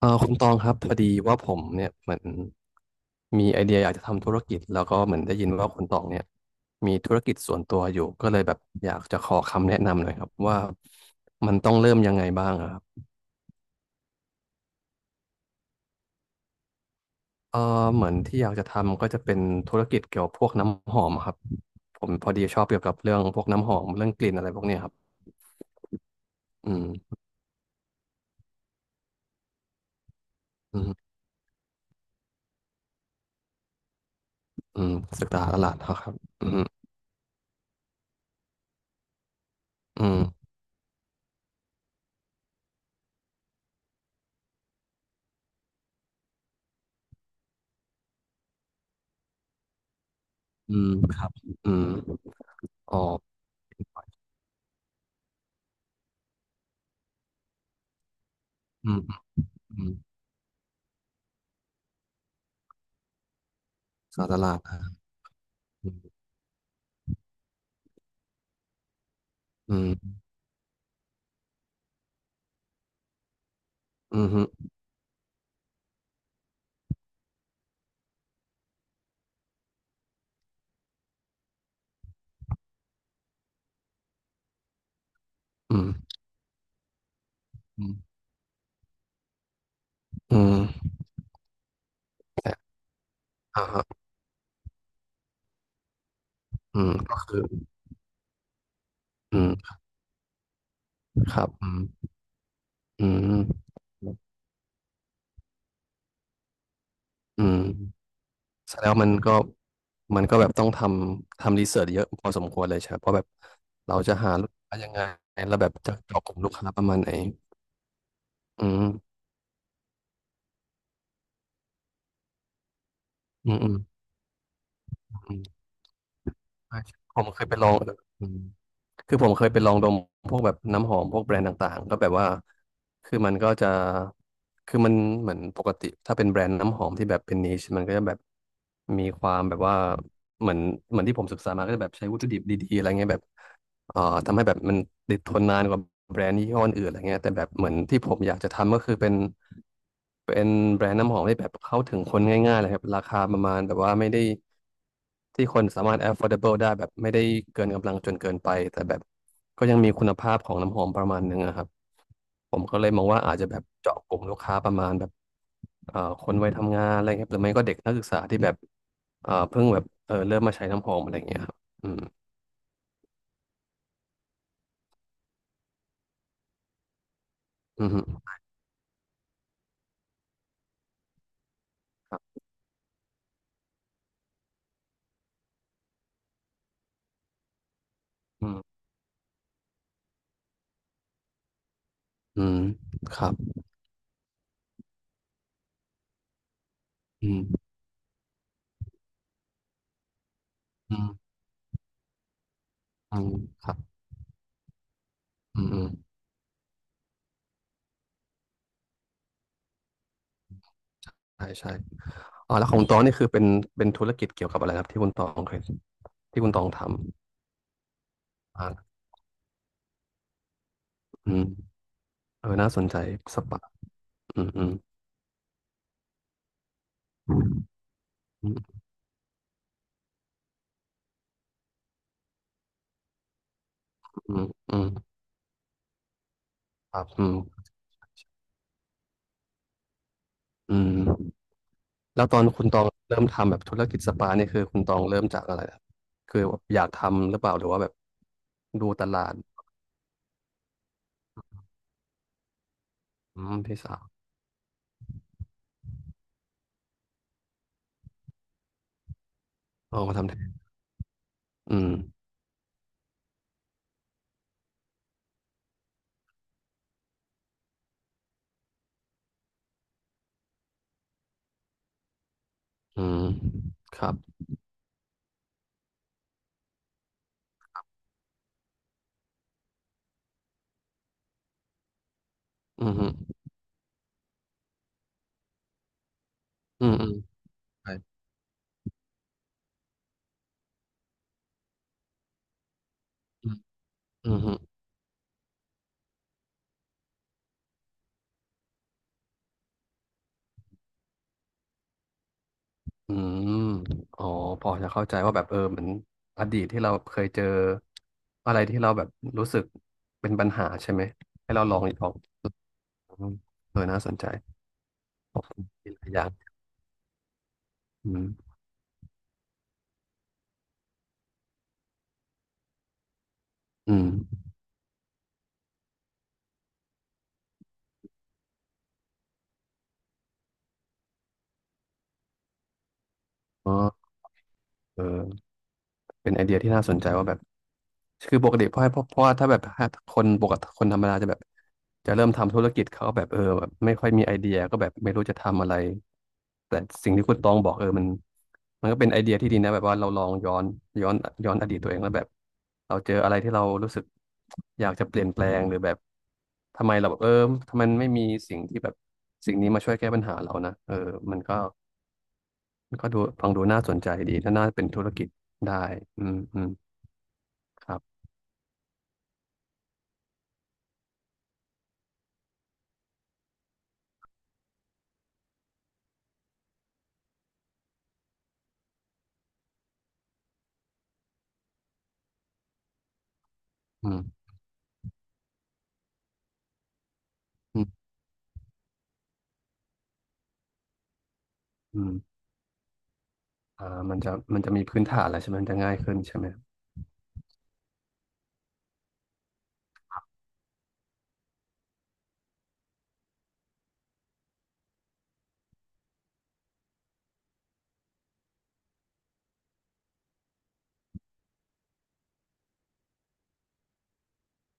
เออคุณตองครับพอดีว่าผมเนี่ยเหมือนมีไอเดียอยากจะทำธุรกิจแล้วก็เหมือนได้ยินว่าคุณตองเนี่ยมีธุรกิจส่วนตัวอยู่ก็เลยแบบอยากจะขอคำแนะนำหน่อยครับว่ามันต้องเริ่มยังไงบ้างอะครับเออเหมือนที่อยากจะทำก็จะเป็นธุรกิจเกี่ยวกับพวกน้ำหอมครับผมพอดีชอบเกี่ยวกับเรื่องพวกน้ำหอมเรื่องกลิ่นอะไรพวกเนี้ยครับอืมอืมอืมศึกษาตลาดเขาครับอืมอืมอืมครับอืมอ๋ออืมอืมอืมศึกษาตลาดฮะอืมอืม อืมฮึอืมอืมอืมแต่อ่าฮะอืมก็คืออืมครับอืมอืมอืมแสดงว่ามันก็แบบต้องทำรีเสิร์ชเยอะพอสมควรเลยใช่ไหมเพราะแบบเราจะหาลูกค้ายังไง แล้วแบบจะเจาะกลุ่มลูกค้าประมาณไหนอืมอืมอืมอืมใช่ผมเคยไปลองอืม คือผมเคยไปลองดมพวกแบบน้ำหอมพวกแบรนด์ต่างๆก็แบบว่าคือมันก็จะคือมันเหมือนปกติถ้าเป็นแบรนด์น้ำหอมที่แบบเป็นนิชมันก็จะแบบมีความแบบว่าเหมือนที่ผมศึกษามาก็จะแบบใช้วัตถุดิบดีๆอะไรเงี้ยแบบ เอ่อทำให้แบบมันติดทนนานกว่าแบรนด์ยี่ห้ออื่นอะไรเงี้ยแต่แบบเหมือนที่ผมอยากจะทำก็คือเป็นแบรนด์น้ำหอมที่แบบเข้าถึงคนง่ายๆเลยครับราคาประมาณแบบว่าไม่ได้ที่คนสามารถ affordable ได้แบบไม่ได้เกินกำลังจนเกินไปแต่แบบก็ยังมีคุณภาพของน้ำหอมประมาณหนึงอะครับผมก็เลยมองว่าอาจจะแบบเจาะกลุ่มลูกค้าประมาณแบบคนวัยทำงานอะไรครับหรือไม่ก็เด็กนักศึกษาที่แบบเพิ่งแบบเออเริ่มมาใช้น้ำหอมอะไรอย่างเงี้ยครับอืมอืมครับอืม อืมครับอืมอืมอืมครับอืมอืมใช่ใช่อ๋อแล้วของตองนี่คือเป็นธุรกิจเกี่ยวกับอะไรครับที่คุณตองเคยที่คุณตองทำอ่าอืมเออน่าสนใจสปาอืมอืมอืมอืมอืมครับอืมอืมแล้วตอนคุณตองเริ่มทำแบบธุรกิจสปาเนี่ยคือคุณตองเริ่มจากอะไรครับคือแบบอยากทำหรือเปล่าหรือว่าแบบดูตลาดอืมพี่สาวอ๋อมาทำแทนอืมอืมครับอืมฮึอืมอืม อืมฮึอืมอ๋อ พอจะเข้าใจว่าแบบเออเหมือนอดีตที่เราเคยเจออะไรที่เราแบบรู้สึกเป็นปัญหาใช่ไหมให้เราลองอีกลองอืมเออน่าสนใจขอบคุณที่หลายอย่างอืมอืมอ๋อเออเป็นไอเดียที่น่าสนใจว่าแบบ คือปกติเพราะว่าถ้าแบบคนปกติคนธรรมดาจะแบบจะเริ่มทำธุรกิจเขาแบบเออแบบไม่ค่อยมีไอเดียก็แบบไม่รู้จะทำอะไรแต่สิ่งที่คุณตองบอกเออมันก็เป็นไอเดียที่ดีนะแบบว่าเราลองย้อนย้อนอดีตตัวเองแล้วแบบเราเจออะไรที่เรารู้สึกอยากจะเปลี่ยนแปลงหรือแบบทำไมเราแบบเออทำไมไม่มีสิ่งที่แบบสิ่งนี้มาช่วยแก้ปัญหาเรานะเออมันก็มันก็ดูฟังดูน่าสนใจดีถ้าน่าเป็นธุรกิจได้อืมอืมครับอืมอืมอืม อ่ามันจะมีพื้นฐานแล้วใช่ไหมมันจะง่ายขึ้นใช่ไหม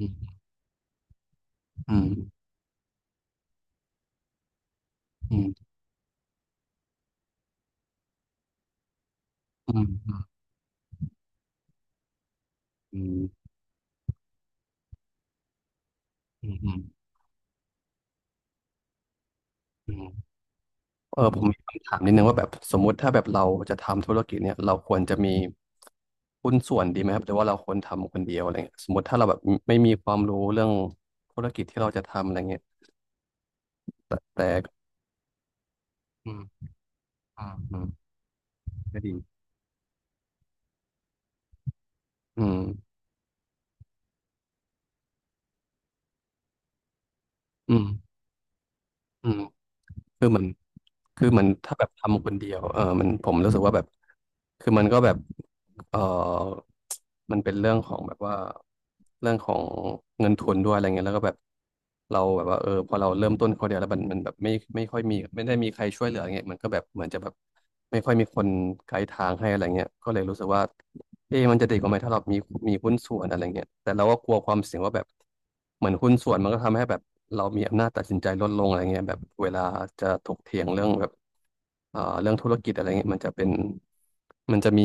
อืมอืมอืมอืมอืมอืมอืมอืมเออผมมีคำถามนิดนึงว่าแบบสมมุติถ้าแบบเราจะทำธุรกิจเนี่ยเราควรจะมีหุ้นส่วนดีไหมครับหรือว่าเราควรทำคนเดียวอะไรเงี้ยสมมติถ้าเราแบบไม่มีความรู้เรื่องธุรกิจที่เราจะทำอะไรเงี้ยแต่อืมอืมอืมก็ดีอืมอืมอืมคือมันคือมันถ้าแบบทำคนเดียวเออมันผมรู้สึกว่าแบบคือมันก็แบบ เอ่อมันเป็นเรื่องของแบบว่าเรื่องของเงินทุนด้วยอะไรเงี้ยแล้วก็แบบเราแบบว่าเออพอเราเริ่มต้นคนเดียวแล้วมันแบบไม่ค่อยมีไม่ได้มีใครช่วยเหลืออะไรเงี้ยมันก็แบบเหมือนจะแบบไม่ค่อยมีคนไกด์ทางให้อะไรเงี้ยก็เลยรู้สึกว่าเอ๊ะมันจะดีกว่าไหมถ้าเรามีหุ้นส่วนอะไรเงี้ยแต่เราก็กลัวความเสี่ยงว่าแบบเหมือนหุ้นส่วนมันก็ทำให้แบบเรามีอำนาจตัดสินใจลดลงอะไรเงี้ยแบบเวลาจะถกเถียงเรื่องแบบ เรื่องธุรกิจอะไรเงี้ยมันจะมี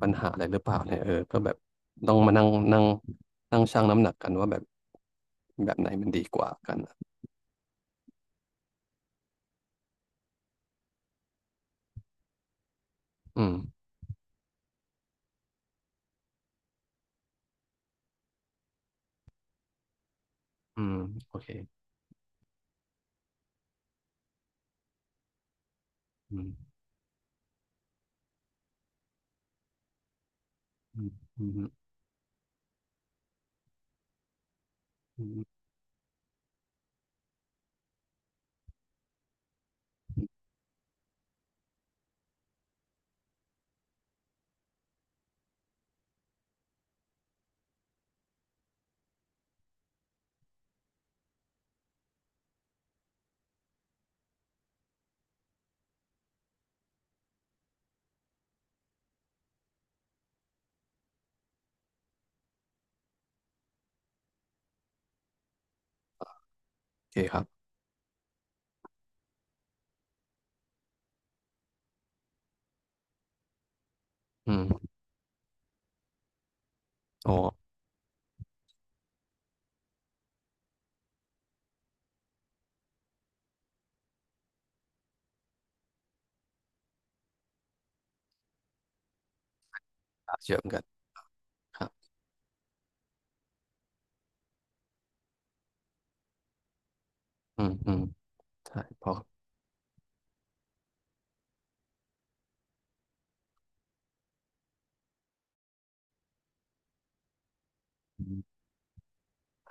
ปัญหาอะไรหรือเปล่าเนี่ยเออก็แบบต้องมานั่งนั่งนั่งชั่งน้ำหนักกันว่าแบบแบบไหนมันดีกว่ากันอะอืมอืมโอเคอืมอืมอืมอืมโอเคครับอืมอ๋อเชื่อมกันครับอืมอืมใช่พอ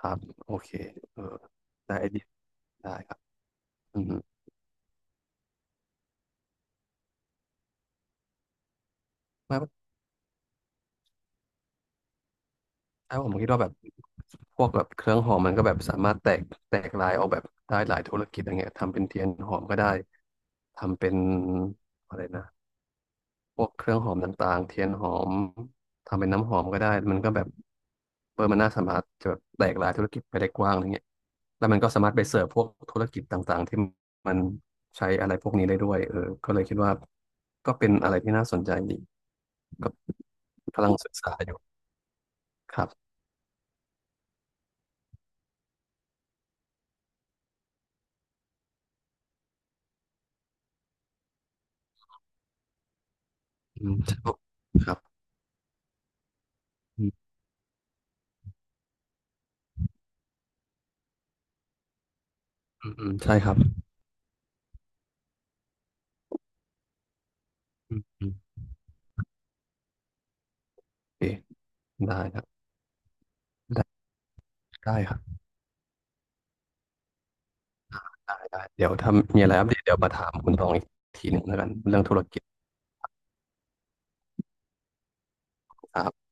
ครับโอเคเออได้ไอเดียได้ครับอืมไม่ ถ้าผมคิดว่าแบบพวกแบบเครื่องหอมมันก็แบบสามารถแตกลายออกแบบได้หลายธุรกิจอะไรเงี้ยทำเป็นเทียนหอมก็ได้ทำเป็นอะไรนะพวกเครื่องหอมต่างๆเทียนหอมทำเป็นน้ำหอมก็ได้มันก็แบบเออมันน่าสามารถจะแบบแตกลายธุรกิจไปได้กว้างอะไรเงี้ยแล้วมันก็สามารถไปเสิร์ฟพวกธุรกิจต่างๆที่มันใช้อะไรพวกนี้ได้ด้วยเออก็เลยคิดว่าก็เป็นอะไรที่น่าสนใจดีก็กำลังศึกษาอยู่ครับอืมครับอื อืมอืมใช่ครับอืมอืมโอเคได้ครับได้ได้ครับได้ได้เดี๋ยวถ้ามีอะไรอัปเดตเดี๋ยวมาถามคุณตองอีกทีหนึ่งแล้วกันเรื่องธุรกิจครับ